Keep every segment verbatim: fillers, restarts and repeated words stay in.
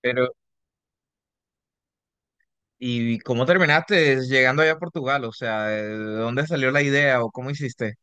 Pero, ¿y cómo terminaste llegando allá a Portugal? O sea, ¿de dónde salió la idea o cómo hiciste?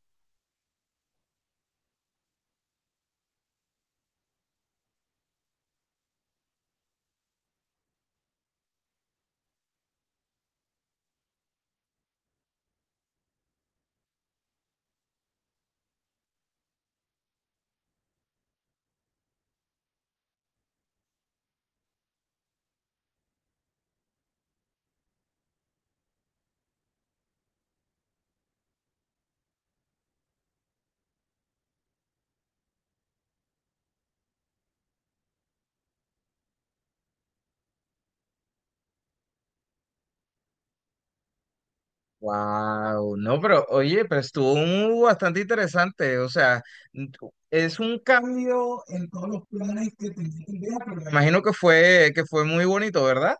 Wow, no, pero oye, pero estuvo un- bastante interesante. O sea, n- es un cambio, en- me imagino que fue, que fue muy bonito, ¿verdad?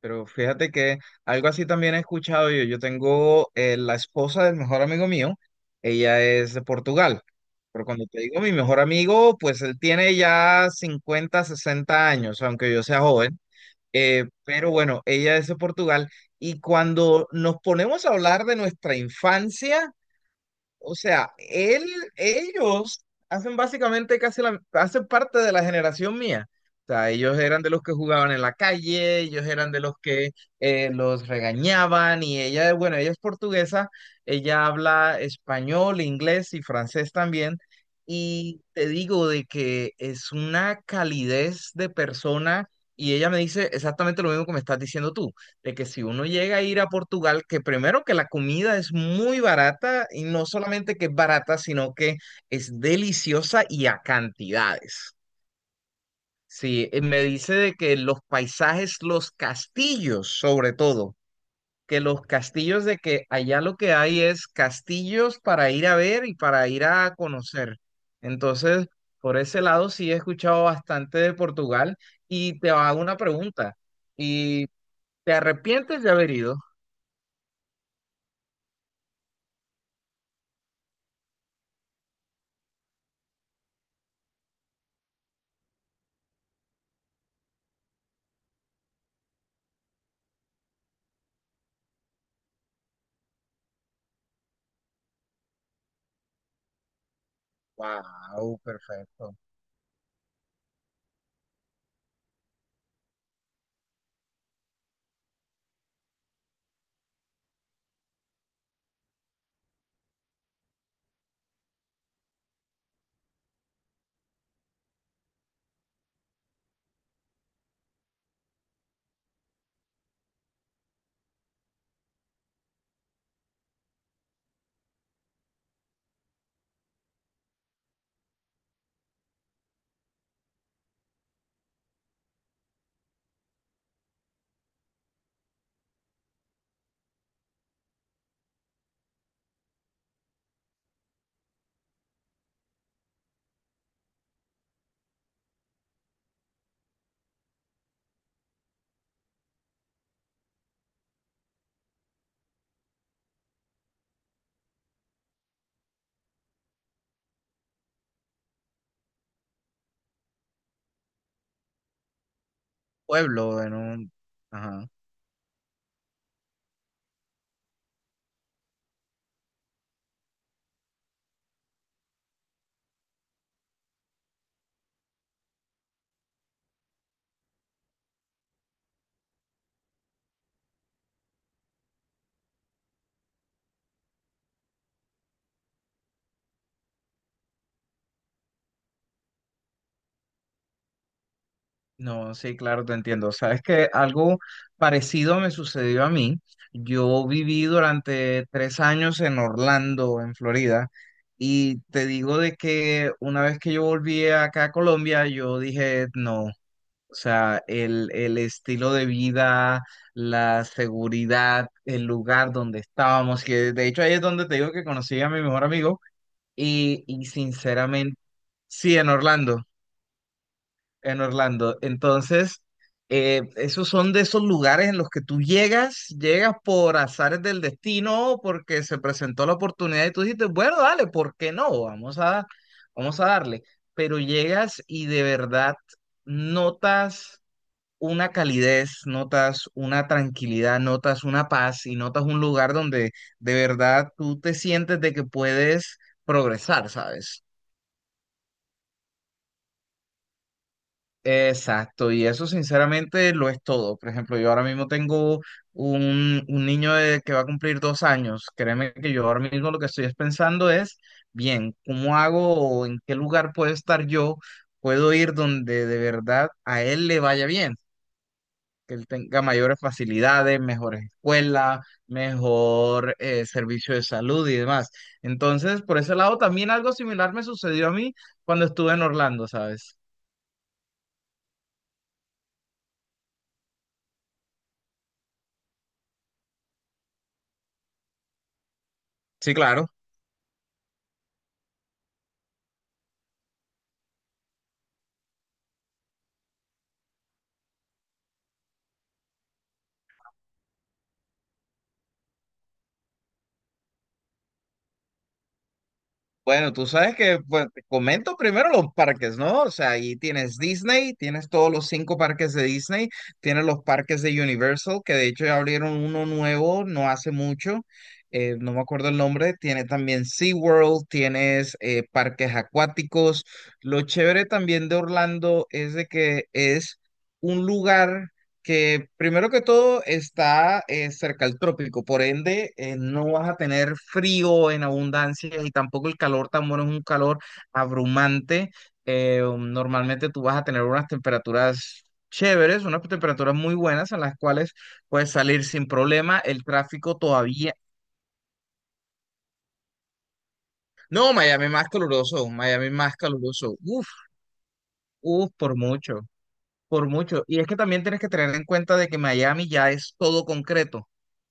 Pero fíjate que algo así también he escuchado yo. Yo tengo eh, la esposa del mejor amigo mío, ella es de Portugal. Pero cuando te digo mi mejor amigo, pues él tiene ya cincuenta, sesenta años, aunque yo sea joven. Eh, pero bueno, ella es de Portugal y cuando nos ponemos a hablar de nuestra infancia, o sea, él, ellos hacen básicamente casi la, hacen parte de la generación mía. O sea, ellos eran de los que jugaban en la calle, ellos eran de los que eh, los regañaban y ella, bueno, ella es portuguesa, ella habla español, inglés y francés también. Y te digo de que es una calidez de persona y ella me dice exactamente lo mismo que me estás diciendo tú de que si uno llega a ir a Portugal, que primero que la comida es muy barata y no solamente que es barata, sino que es deliciosa y a cantidades. Sí, eh, me dice de que los paisajes, los castillos sobre todo, que los castillos de que allá lo que hay es castillos para ir a ver y para ir a conocer. Entonces, por ese lado sí he escuchado bastante de Portugal y te hago una pregunta. ¿Y te arrepientes de haber ido? Wow, perfecto. Pueblo en un. Ajá. No, sí, claro, te entiendo. Sabes que algo parecido me sucedió a mí. Yo viví durante tres años en Orlando, en Florida, y te digo de que una vez que yo volví acá a Colombia, yo dije, no, o sea, el, el estilo de vida, la seguridad, el lugar donde estábamos, que de hecho ahí es donde te digo que conocí a mi mejor amigo. Y, y sinceramente, sí, en Orlando, en Orlando. Entonces, eh, esos son de esos lugares en los que tú llegas, llegas por azares del destino, porque se presentó la oportunidad y tú dijiste, bueno, dale, ¿por qué no? Vamos a, vamos a darle. Pero llegas y de verdad notas una calidez, notas una tranquilidad, notas una paz y notas un lugar donde de verdad tú te sientes de que puedes progresar, ¿sabes? Exacto, y eso sinceramente lo es todo. Por ejemplo, yo ahora mismo tengo un, un niño de- que va a cumplir dos años. Créeme que yo ahora mismo lo que estoy es pensando es, bien, ¿cómo hago o en qué lugar puedo estar yo? Puedo ir donde de verdad a él le vaya bien, que él tenga mayores facilidades, mejores escuelas, mejor eh, servicio de salud y demás. Entonces, por ese lado, también algo similar me sucedió a mí cuando estuve en Orlando, ¿sabes? Sí, claro. Bueno, tú sabes que, pues, te comento primero los parques, ¿no? O sea, ahí tienes Disney, tienes todos los cinco parques de Disney, tienes los parques de Universal, que de hecho ya abrieron uno nuevo no hace mucho, eh, no me acuerdo el nombre, tiene también SeaWorld, tienes eh, parques acuáticos. Lo chévere también de Orlando es de que es un lugar que primero que todo está eh, cerca al trópico, por ende eh, no vas a tener frío en abundancia y tampoco el calor tan bueno, es un calor abrumante. Eh, um, normalmente tú vas a tener unas temperaturas chéveres, unas temperaturas muy buenas en las cuales puedes salir sin problema. El tráfico todavía. No, Miami más caluroso, Miami más caluroso. Uf, uf, por mucho, por mucho. Y es que también tienes que tener en cuenta de que Miami ya es todo concreto.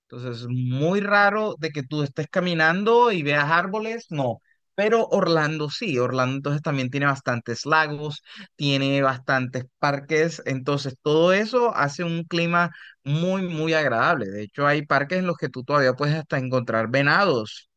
Entonces, es muy raro de que tú estés caminando y veas árboles, no. Pero Orlando sí, Orlando entonces también tiene bastantes lagos, tiene bastantes parques, entonces todo eso hace un clima muy, muy agradable. De hecho, hay parques en los que tú todavía puedes hasta encontrar venados.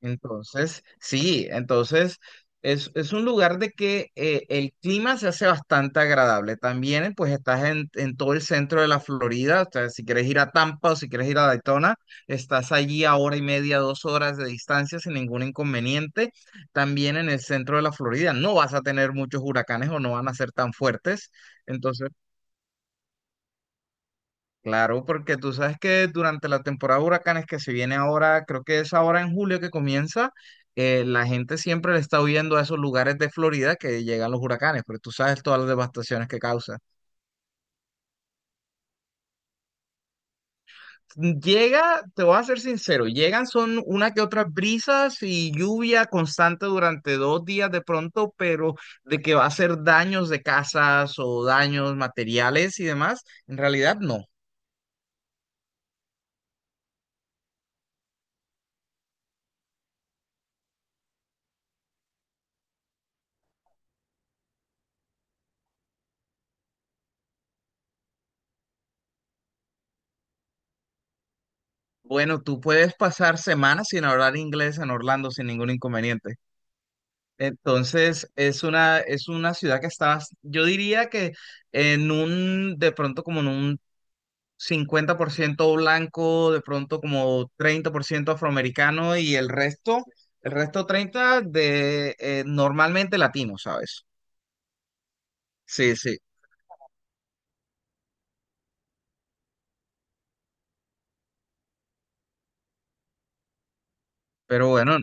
Entonces, sí, entonces es, es un lugar de que eh, el clima se hace bastante agradable. También, eh, pues estás en, en todo el centro de la Florida, o sea, si quieres ir a Tampa o si quieres ir a Daytona, estás allí a hora y media, dos horas de distancia sin ningún inconveniente. También en el centro de la Florida no vas a tener muchos huracanes o no van a ser tan fuertes. Entonces, claro, porque tú sabes que durante la temporada de huracanes que se viene ahora, creo que es ahora en julio que comienza, eh, la gente siempre le está huyendo a esos lugares de Florida que llegan los huracanes, porque tú sabes todas las devastaciones que causa. Llega, te voy a ser sincero, llegan son una que otras brisas y lluvia constante durante dos días de pronto, pero de que va a hacer daños de casas o daños materiales y demás, en realidad no. Bueno, tú puedes pasar semanas sin hablar inglés en Orlando sin ningún inconveniente. Entonces, es una, es una ciudad que está, bas- yo diría que en un, de pronto como en un cincuenta por ciento blanco, de pronto como treinta por ciento afroamericano y el resto, el resto, treinta de eh, normalmente latino, ¿sabes? Sí, sí. Pero bueno.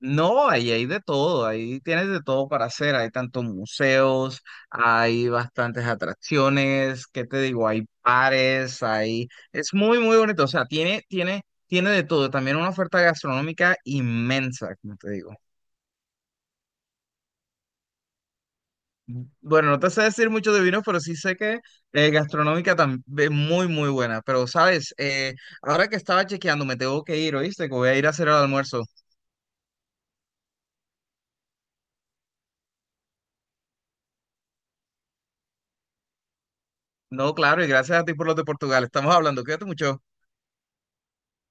No, ahí hay de todo, ahí tienes de todo para hacer, hay tantos museos, hay bastantes atracciones, ¿qué te digo? Hay bares, hay. Es muy, muy bonito, o sea, tiene, tiene, tiene de todo, también una oferta gastronómica inmensa, como te digo. Mm, Bueno, no te sé decir mucho de vinos, pero sí sé que eh, gastronómica también muy, muy buena, pero sabes, eh, ahora que estaba chequeando, me tengo que ir, ¿oíste? Que voy a ir a hacer el almuerzo. No, claro, y gracias a ti por los de Portugal, estamos hablando, cuídate mucho.